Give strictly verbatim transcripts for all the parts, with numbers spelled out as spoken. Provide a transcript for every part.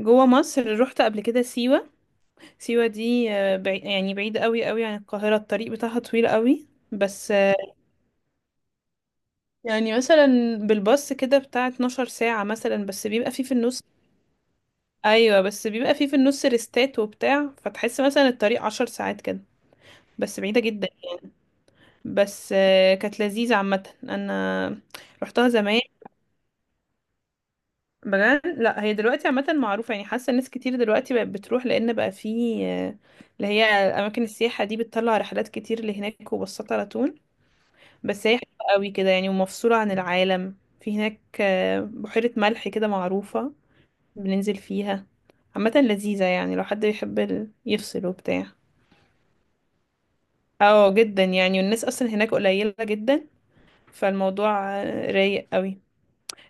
جوه مصر رحت قبل كده سيوة. سيوة دي آه، بعي... يعني بعيدة قوي قوي عن القاهرة، الطريق بتاعها طويل قوي. بس آه، يعني مثلا بالباص كده بتاع 12 ساعة، مثلا بس بيبقى فيه في النص. ايوه، بس بيبقى فيه في النص ريستات وبتاع، فتحس مثلا الطريق 10 ساعات كده. بس بعيدة جدا. بس آه، كانت لذيذة عامة، انا رحتها زمان بجد. لا، هي دلوقتي عامة معروفة، يعني حاسة ناس كتير دلوقتي بقت بتروح لأن بقى في آه، اللي هي أماكن السياحة دي بتطلع رحلات كتير لهناك وبسطة على طول. بس هي حلوة قوي كده يعني، ومفصولة عن العالم. في هناك آه، بحيرة ملح كده معروفة بننزل فيها. عامة لذيذة، يعني لو حد بيحب ال- يفصل وبتاع. اه جدا، يعني والناس أصلا هناك قليلة جدا، فالموضوع آه، رايق قوي.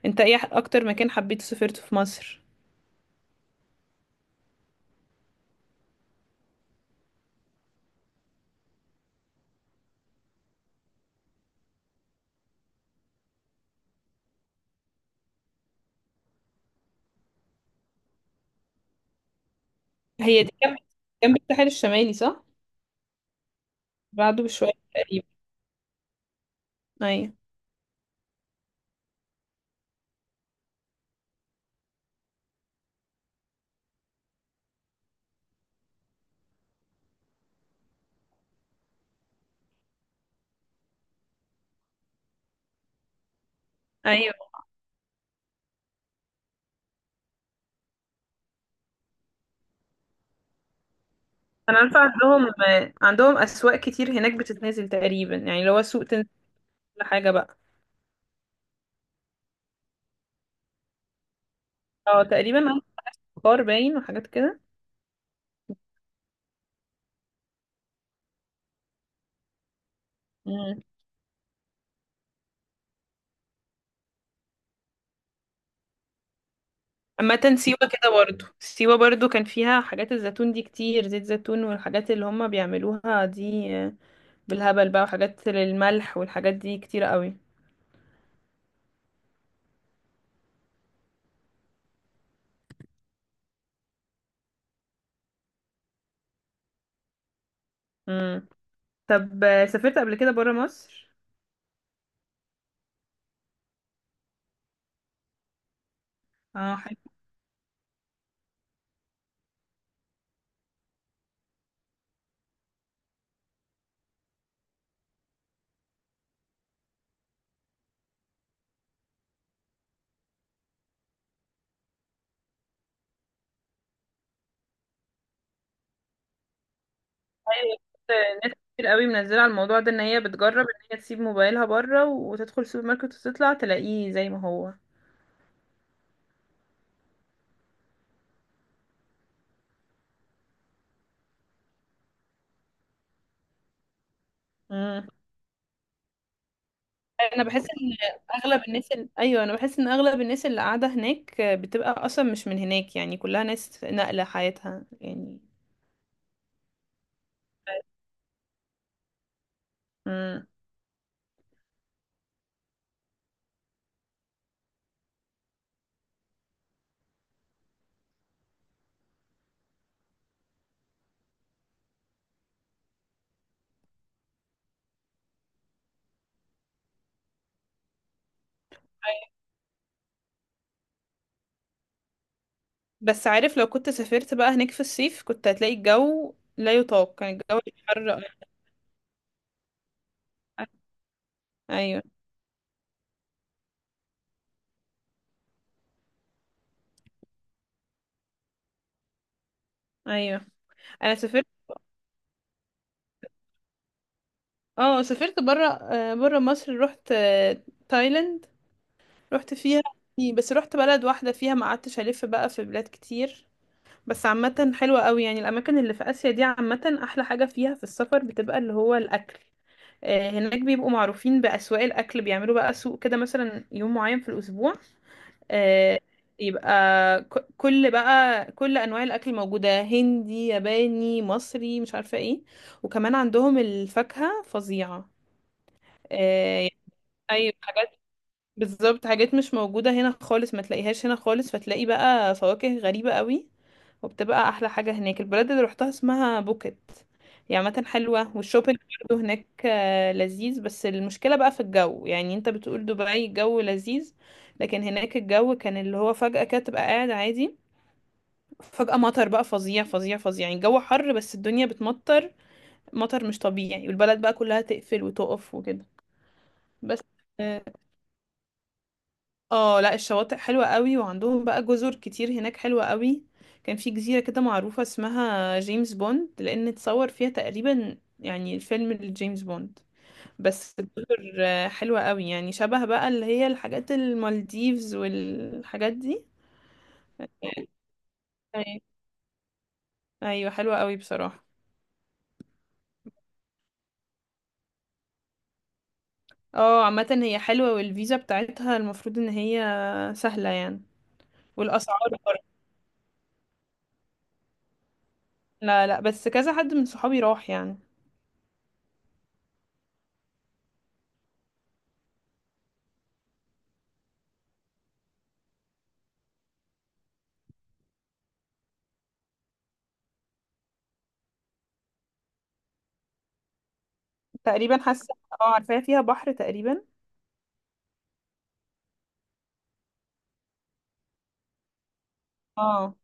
انت ايه أكتر مكان حبيت سافرته في مصر؟ هي دي جنب، جنب الساحل الشمالي صح؟ بعده بشوية تقريبا. أيوة. أيوة، أنا عارفة عندهم، عندهم أسواق كتير هناك بتتنازل تقريبا يعني، اللي هو سوق تنزل كل حاجة بقى. اه تقريبا عندهم بخار باين وحاجات كده. مم. عامة سيوة كده، برضو سيوة برضو كان فيها حاجات الزيتون دي كتير، زيت زيتون والحاجات اللي هما بيعملوها دي بالهبل بقى، وحاجات للملح والحاجات دي كتير قوي. مم. طب، سافرت قبل كده برا مصر؟ اه. ايوه شفت ناس كتير قوي منزله على الموضوع ده ان هي بتجرب ان هي تسيب موبايلها بره وتدخل السوبر ماركت وتطلع تلاقيه زي ما هو. امم انا بحس ان اغلب الناس ال... ايوه انا بحس ان اغلب الناس اللي قاعده هناك بتبقى اصلا مش من هناك، يعني كلها ناس نقله حياتها يعني. امم بس عارف، لو كنت سافرت بقى هناك في الصيف كنت هتلاقي الجو لا يطاق. كان الجو حر. ايوه، ايوه. انا سافرت اه سافرت بره آه، بره مصر رحت آه، تايلاند، رحت فيها يعني، بس رحت بلد واحدة فيها ما قعدتش ألف بقى في بلاد كتير. بس عامة حلوة قوي يعني، الأماكن اللي في آسيا دي عامة أحلى حاجة فيها في السفر بتبقى اللي هو الأكل. آه، هناك بيبقوا معروفين بأسواق الأكل، بيعملوا بقى سوق كده مثلا يوم معين في الأسبوع. آه، يبقى ك- كل بقى كل أنواع الأكل موجودة، هندي ياباني مصري مش عارفة ايه. وكمان عندهم الفاكهة فظيعة. آه، أيوة بالظبط، حاجات مش موجودة هنا خالص، ما تلاقيهاش هنا خالص، فتلاقي بقى فواكه غريبة قوي. وبتبقى أحلى حاجة هناك. البلد اللي روحتها اسمها بوكيت، هي عامة حلوة. والشوبينج برضه هناك آه، لذيذ. بس المشكلة بقى في الجو، يعني انت بتقول دبي الجو لذيذ لكن هناك الجو كان اللي هو فجأة كده تبقى قاعد عادي، فجأة مطر بقى فظيع فظيع فظيع، يعني الجو حر بس الدنيا بتمطر. مطر مش طبيعي، والبلد بقى كلها تقفل وتقف وكده. بس، اه لا الشواطئ حلوة قوي، وعندهم بقى جزر كتير هناك حلوة قوي. كان في جزيرة كده معروفة اسمها جيمس بوند، لأن اتصور فيها تقريبا يعني الفيلم لجيمس بوند. بس الجزر آه، حلوة قوي، يعني شبه بقى اللي هي الحاجات المالديفز والحاجات دي. أيوة، أيوة حلوة قوي بصراحة. اه عامة هي حلوة، والفيزا بتاعتها المفروض ان هي سهلة يعني. والأسعار برضه. لا، لا، بس كذا حد من صحابي راح يعني. تقريبا حاسة، اه عارفاها فيها بحر تقريبا. اه،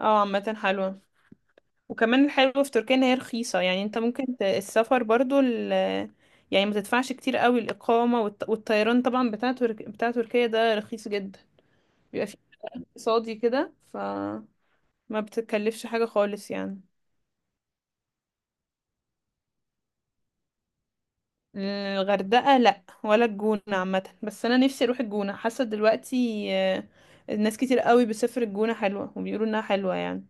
اه عامة حلوة. وكمان الحلو في تركيا ان هي رخيصة، يعني انت ممكن ت- السفر برضو ال، يعني ما تدفعش كتير قوي الإقامة والط- والطيران طبعا بتاع ترك... بتاع تركيا ده رخيص جدا، بيبقى فيه اقتصادي كده، فما بتكلفش حاجة خالص يعني. الغردقة، لا ولا الجونة عامة، بس انا نفسي اروح الجونة، حاسة دلوقتي آه، الناس كتير قوي بتسافر الجونة، حلوة وبيقولوا انها حلوة يعني.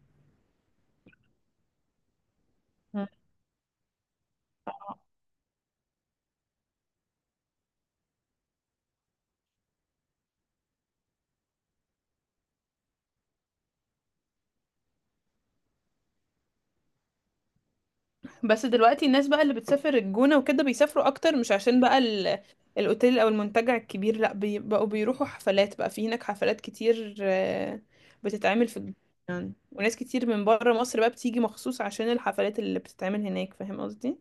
مم. بس دلوقتي الناس بقى اللي بتسافر الجونة وكده بيسافروا اكتر مش عشان بقى ال... الاوتيل او المنتجع الكبير، لا، بي... بقوا بيروحوا حفلات بقى في هناك، حفلات كتير آه، بتتعمل في الجونة يعني، وناس كتير من بره مصر بقى بتيجي مخصوص عشان الحفلات اللي بتتعمل هناك، فاهم قصدي.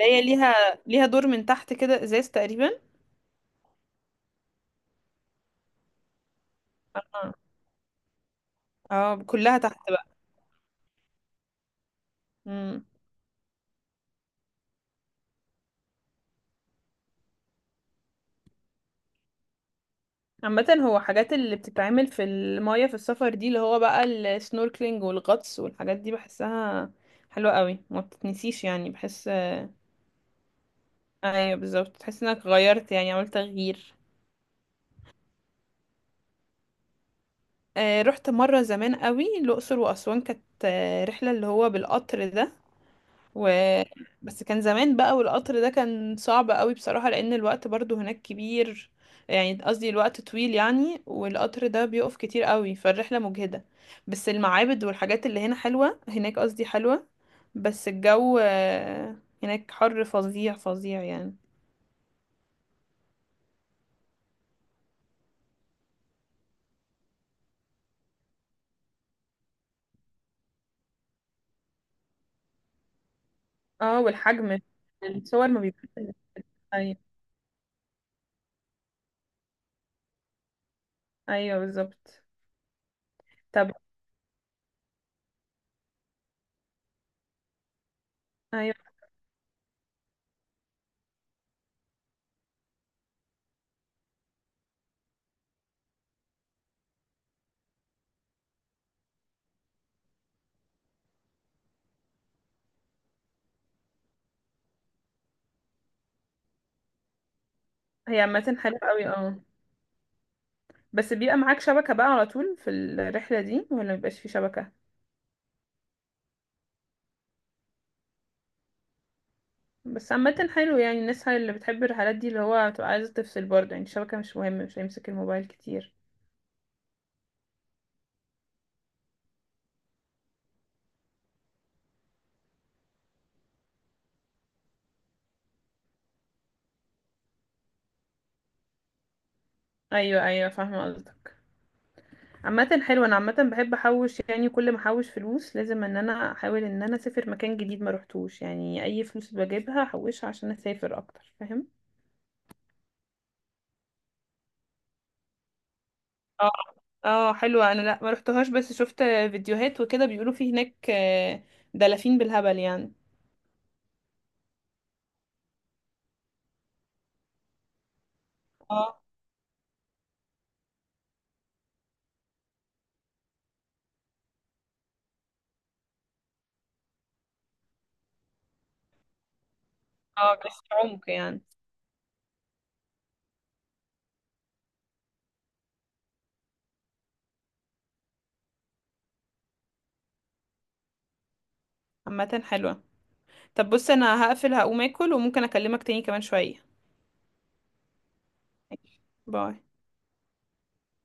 اللي هي ليها، ليها دور من تحت كده ازاز تقريبا. اه آه، كلها تحت بقى. مم. عامة هو حاجات اللي بتتعمل في المية في السفر دي اللي هو بقى السنوركلينج والغطس والحاجات دي، بحسها حلوة قوي ما بتتنسيش يعني بحس. ايوه بالظبط، تحس انك غيرت يعني عملت تغيير. آه رحت مرة زمان قوي الأقصر وأسوان، كانت آه، رحلة اللي هو بالقطر ده، و بس كان زمان بقى، والقطر ده كان صعب قوي بصراحة لأن الوقت برضو هناك كبير، يعني قصدي الوقت طويل يعني، والقطر ده بيقف كتير قوي فالرحلة مجهدة. بس المعابد والحاجات اللي هنا حلوة هناك، قصدي حلوة، بس الجو آه، هناك حر فظيع فظيع يعني. اه والحجم. الصور ما بيبقاش. ايوه، ايوه بالظبط. طب، ايوه هي عامة حلوة قوي اه. بس بيبقى معاك شبكة بقى على طول في الرحلة دي ولا مبيبقاش في شبكة؟ بس عامة حلو يعني، الناس اللي بتحب الرحلات دي اللي هو تبقى عايزة تفصل برضه، يعني الشبكة مش مهم، مش هيمسك الموبايل كتير. ايوه، ايوه فاهمة قصدك. عامة حلو، انا عامة بحب احوش يعني، كل ما احوش فلوس لازم ان انا احاول ان انا اسافر مكان جديد ما روحتوش، يعني اي فلوس بجيبها احوشها عشان اسافر اكتر، فاهم. اه، اه حلوة، انا لا ما روحتهاش بس شفت فيديوهات وكده، بيقولوا في هناك آه، دلافين بالهبل يعني. اه، اه بس عمق يعني. عامة حلوة. طب بص، انا هقفل هقوم اكل، وممكن اكلمك تاني كمان شوية. ماشي. باي.